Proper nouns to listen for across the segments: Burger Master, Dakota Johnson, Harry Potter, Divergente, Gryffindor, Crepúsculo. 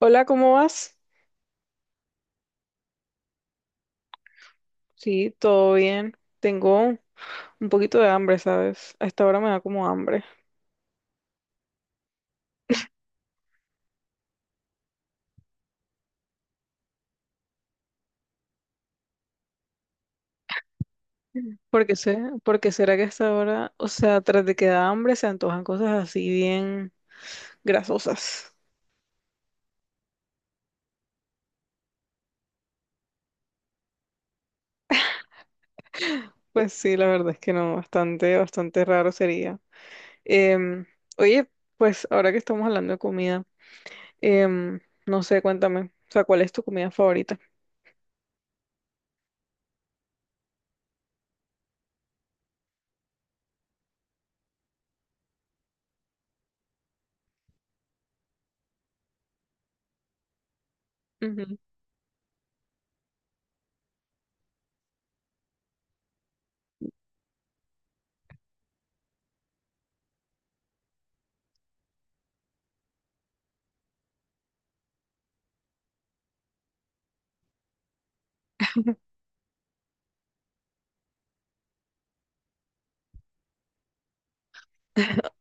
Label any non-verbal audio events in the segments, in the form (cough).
Hola, ¿cómo vas? Sí, todo bien. Tengo un poquito de hambre, ¿sabes? A esta hora me da como hambre. Porque será que a esta hora, o sea, tras de que da hambre se antojan cosas así bien grasosas. Pues sí, la verdad es que no, bastante, bastante raro sería. Em, Oye, pues ahora que estamos hablando de comida, em, no sé, cuéntame, o sea, ¿cuál es tu comida favorita?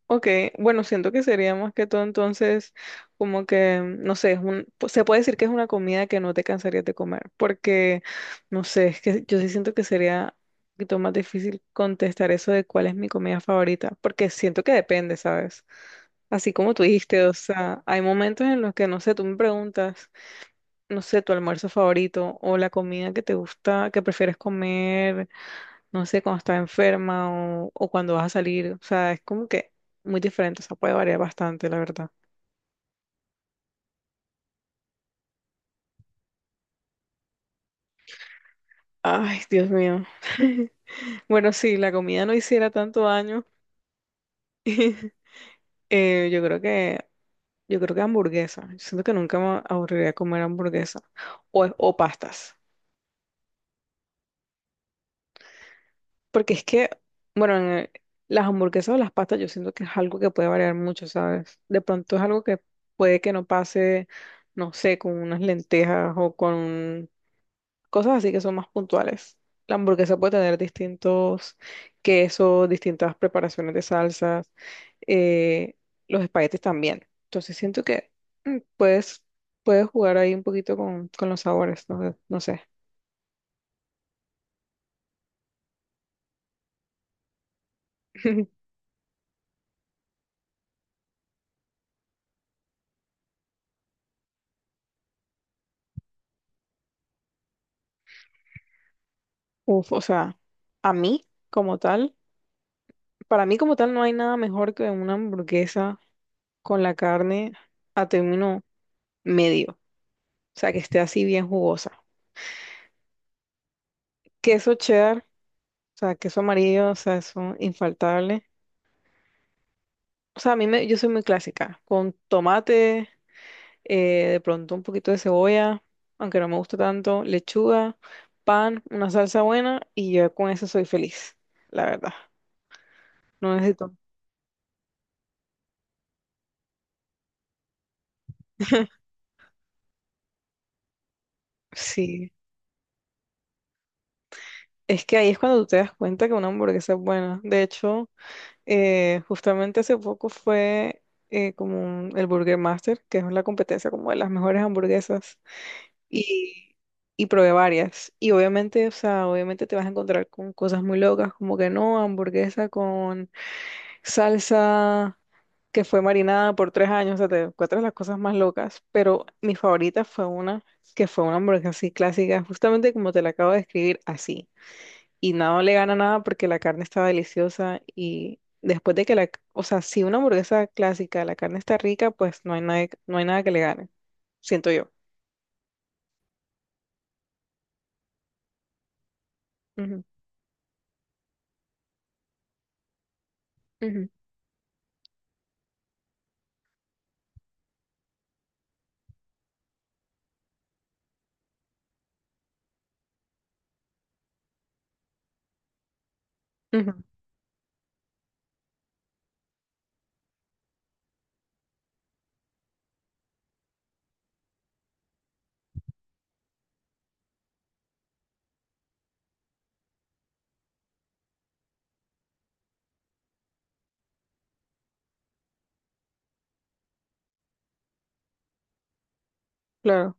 Ok, bueno, siento que sería más que todo entonces como que, no sé, se puede decir que es una comida que no te cansarías de comer, porque, no sé, es que yo sí siento que sería un poquito más difícil contestar eso de cuál es mi comida favorita, porque siento que depende, ¿sabes? Así como tú dijiste, o sea, hay momentos en los que, no sé, tú me preguntas, no sé, tu almuerzo favorito o la comida que te gusta, que prefieres comer no sé, cuando estás enferma o cuando vas a salir. O sea, es como que muy diferente, o sea, puede variar bastante, la verdad. Ay, Dios mío. (laughs) Bueno, sí, la comida no hiciera tanto daño. (laughs) Yo creo que, yo creo que hamburguesa. Yo siento que nunca me aburriría comer hamburguesa o pastas. Porque es que, bueno, las hamburguesas o las pastas yo siento que es algo que puede variar mucho, ¿sabes? De pronto es algo que puede que no pase, no sé, con unas lentejas o con cosas así que son más puntuales. La hamburguesa puede tener distintos quesos, distintas preparaciones de salsas, eh, los espaguetis también. Entonces siento que mm, puedes, puedes jugar ahí un poquito con los sabores, no sé. (laughs) Uf, o sea, a mí como tal, para mí como tal no hay nada mejor que una hamburguesa con la carne a término medio, o sea, que esté así bien jugosa. Queso cheddar, o sea, queso amarillo, o sea, eso infaltable. O sea, a mí me, yo soy muy clásica, con tomate, de pronto un poquito de cebolla, aunque no me gusta tanto, lechuga, pan, una salsa buena y yo con eso soy feliz, la verdad. No necesito. (laughs) Sí, es que ahí es cuando tú te das cuenta que una hamburguesa es buena. De hecho, justamente hace poco fue el Burger Master, que es la competencia como de las mejores hamburguesas. y, y probé varias. Y obviamente, o sea, obviamente te vas a encontrar con cosas muy locas, como que no, hamburguesa con salsa que fue marinada por 3 años, o sea, te encuentras las cosas más locas, pero mi favorita fue una que fue una hamburguesa así clásica, justamente como te la acabo de describir, así. Y nada le gana nada porque la carne estaba deliciosa y después de que la, o sea, si una hamburguesa clásica, la carne está rica, pues no hay nada, no hay nada que le gane, siento yo. Ujú, ujú, ujú. Claro.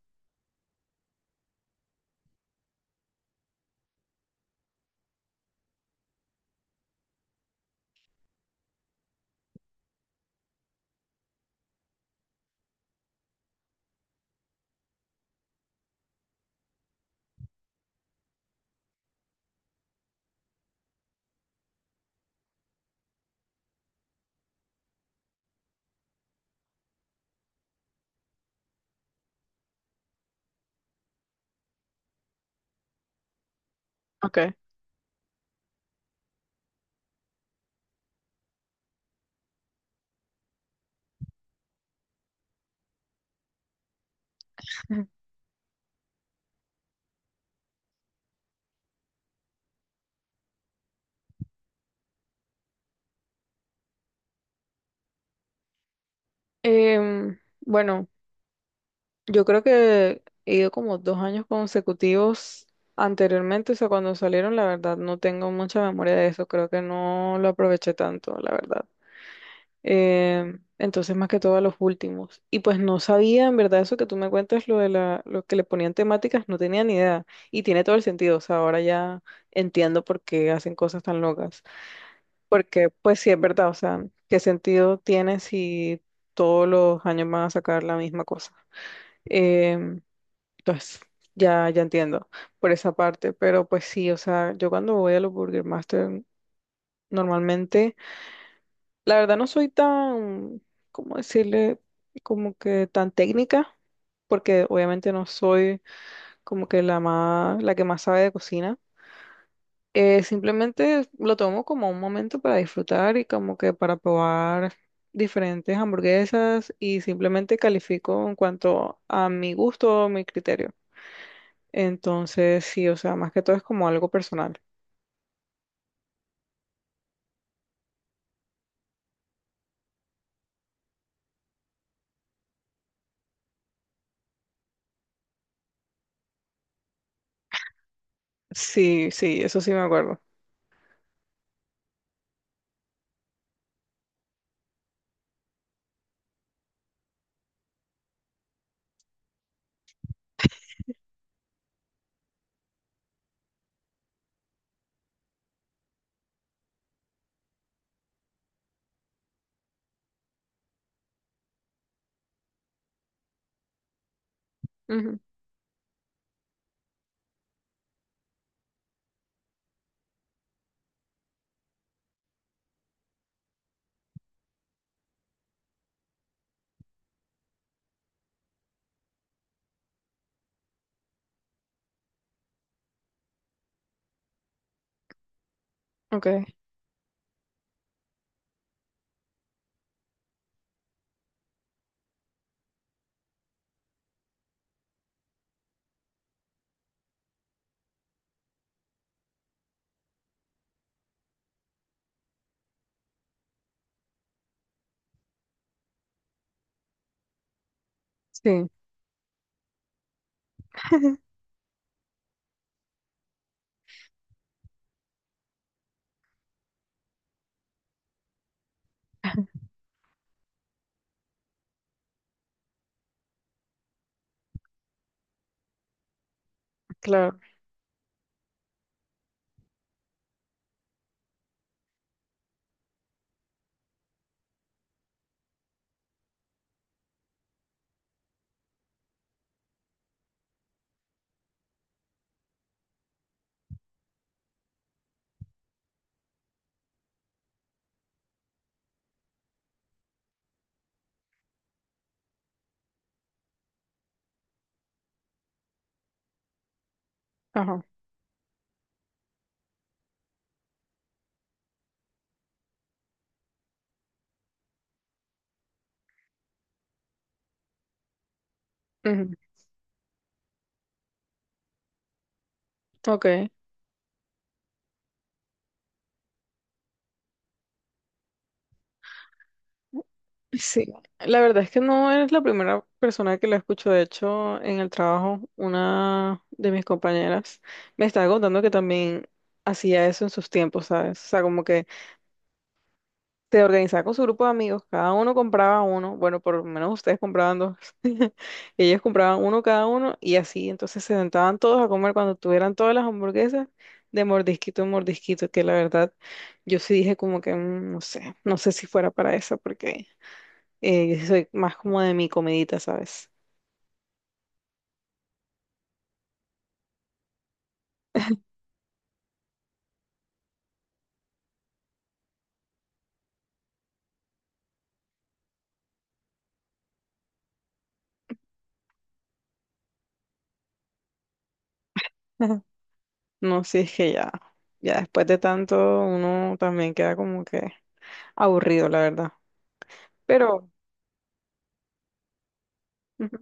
Ok. (laughs) Bueno, yo creo que he ido como 2 años consecutivos anteriormente, o sea, cuando salieron, la verdad, no tengo mucha memoria de eso, creo que no lo aproveché tanto, la verdad. Entonces, más que todo a los últimos. Y pues no sabía, en verdad, eso que tú me cuentas, lo que le ponían temáticas, no tenía ni idea. Y tiene todo el sentido, o sea, ahora ya entiendo por qué hacen cosas tan locas. Porque, pues sí, es verdad, o sea, ¿qué sentido tiene si todos los años van a sacar la misma cosa? Em, entonces, ya entiendo por esa parte, pero pues sí, o sea, yo cuando voy a los Burger Master, normalmente, la verdad no soy tan, ¿cómo decirle? Como que tan técnica, porque obviamente no soy como que la más, la que más sabe de cocina. Simplemente lo tomo como un momento para disfrutar y como que para probar diferentes hamburguesas y simplemente califico en cuanto a mi gusto o mi criterio. Entonces, sí, o sea, más que todo es como algo personal. Sí, sí, eso sí me acuerdo. Ujú. Ok, sí, claro. Ajá. Ujú. Ok. Sí, la verdad es que no eres la primera persona que la escucho. De hecho, en el trabajo, una de mis compañeras me estaba contando que también hacía eso en sus tiempos, ¿sabes? O sea, como que se organizaba con su grupo de amigos, cada uno compraba uno, bueno, por lo menos ustedes compraban dos, (laughs) y ellos compraban uno cada uno y así, entonces se sentaban todos a comer cuando tuvieran todas las hamburguesas de mordisquito en mordisquito, que la verdad yo sí dije como que no sé, no sé si fuera para eso, porque. Soy más como de mi comidita, ¿sabes? (laughs) No, si es que ya, ya después de tanto uno también queda como que aburrido, la verdad. Pero ujú,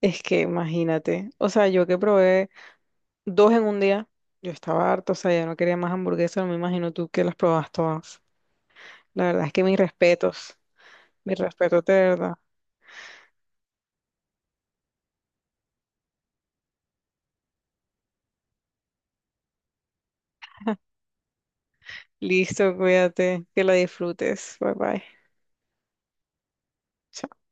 es que imagínate, o sea, yo que probé dos en un día, yo estaba harto, o sea, ya no quería más hamburguesas, no me imagino tú que las probas todas. La verdad es que mis respetos de verdad. Listo, cuídate, que la disfrutes. Bye bye. Chao.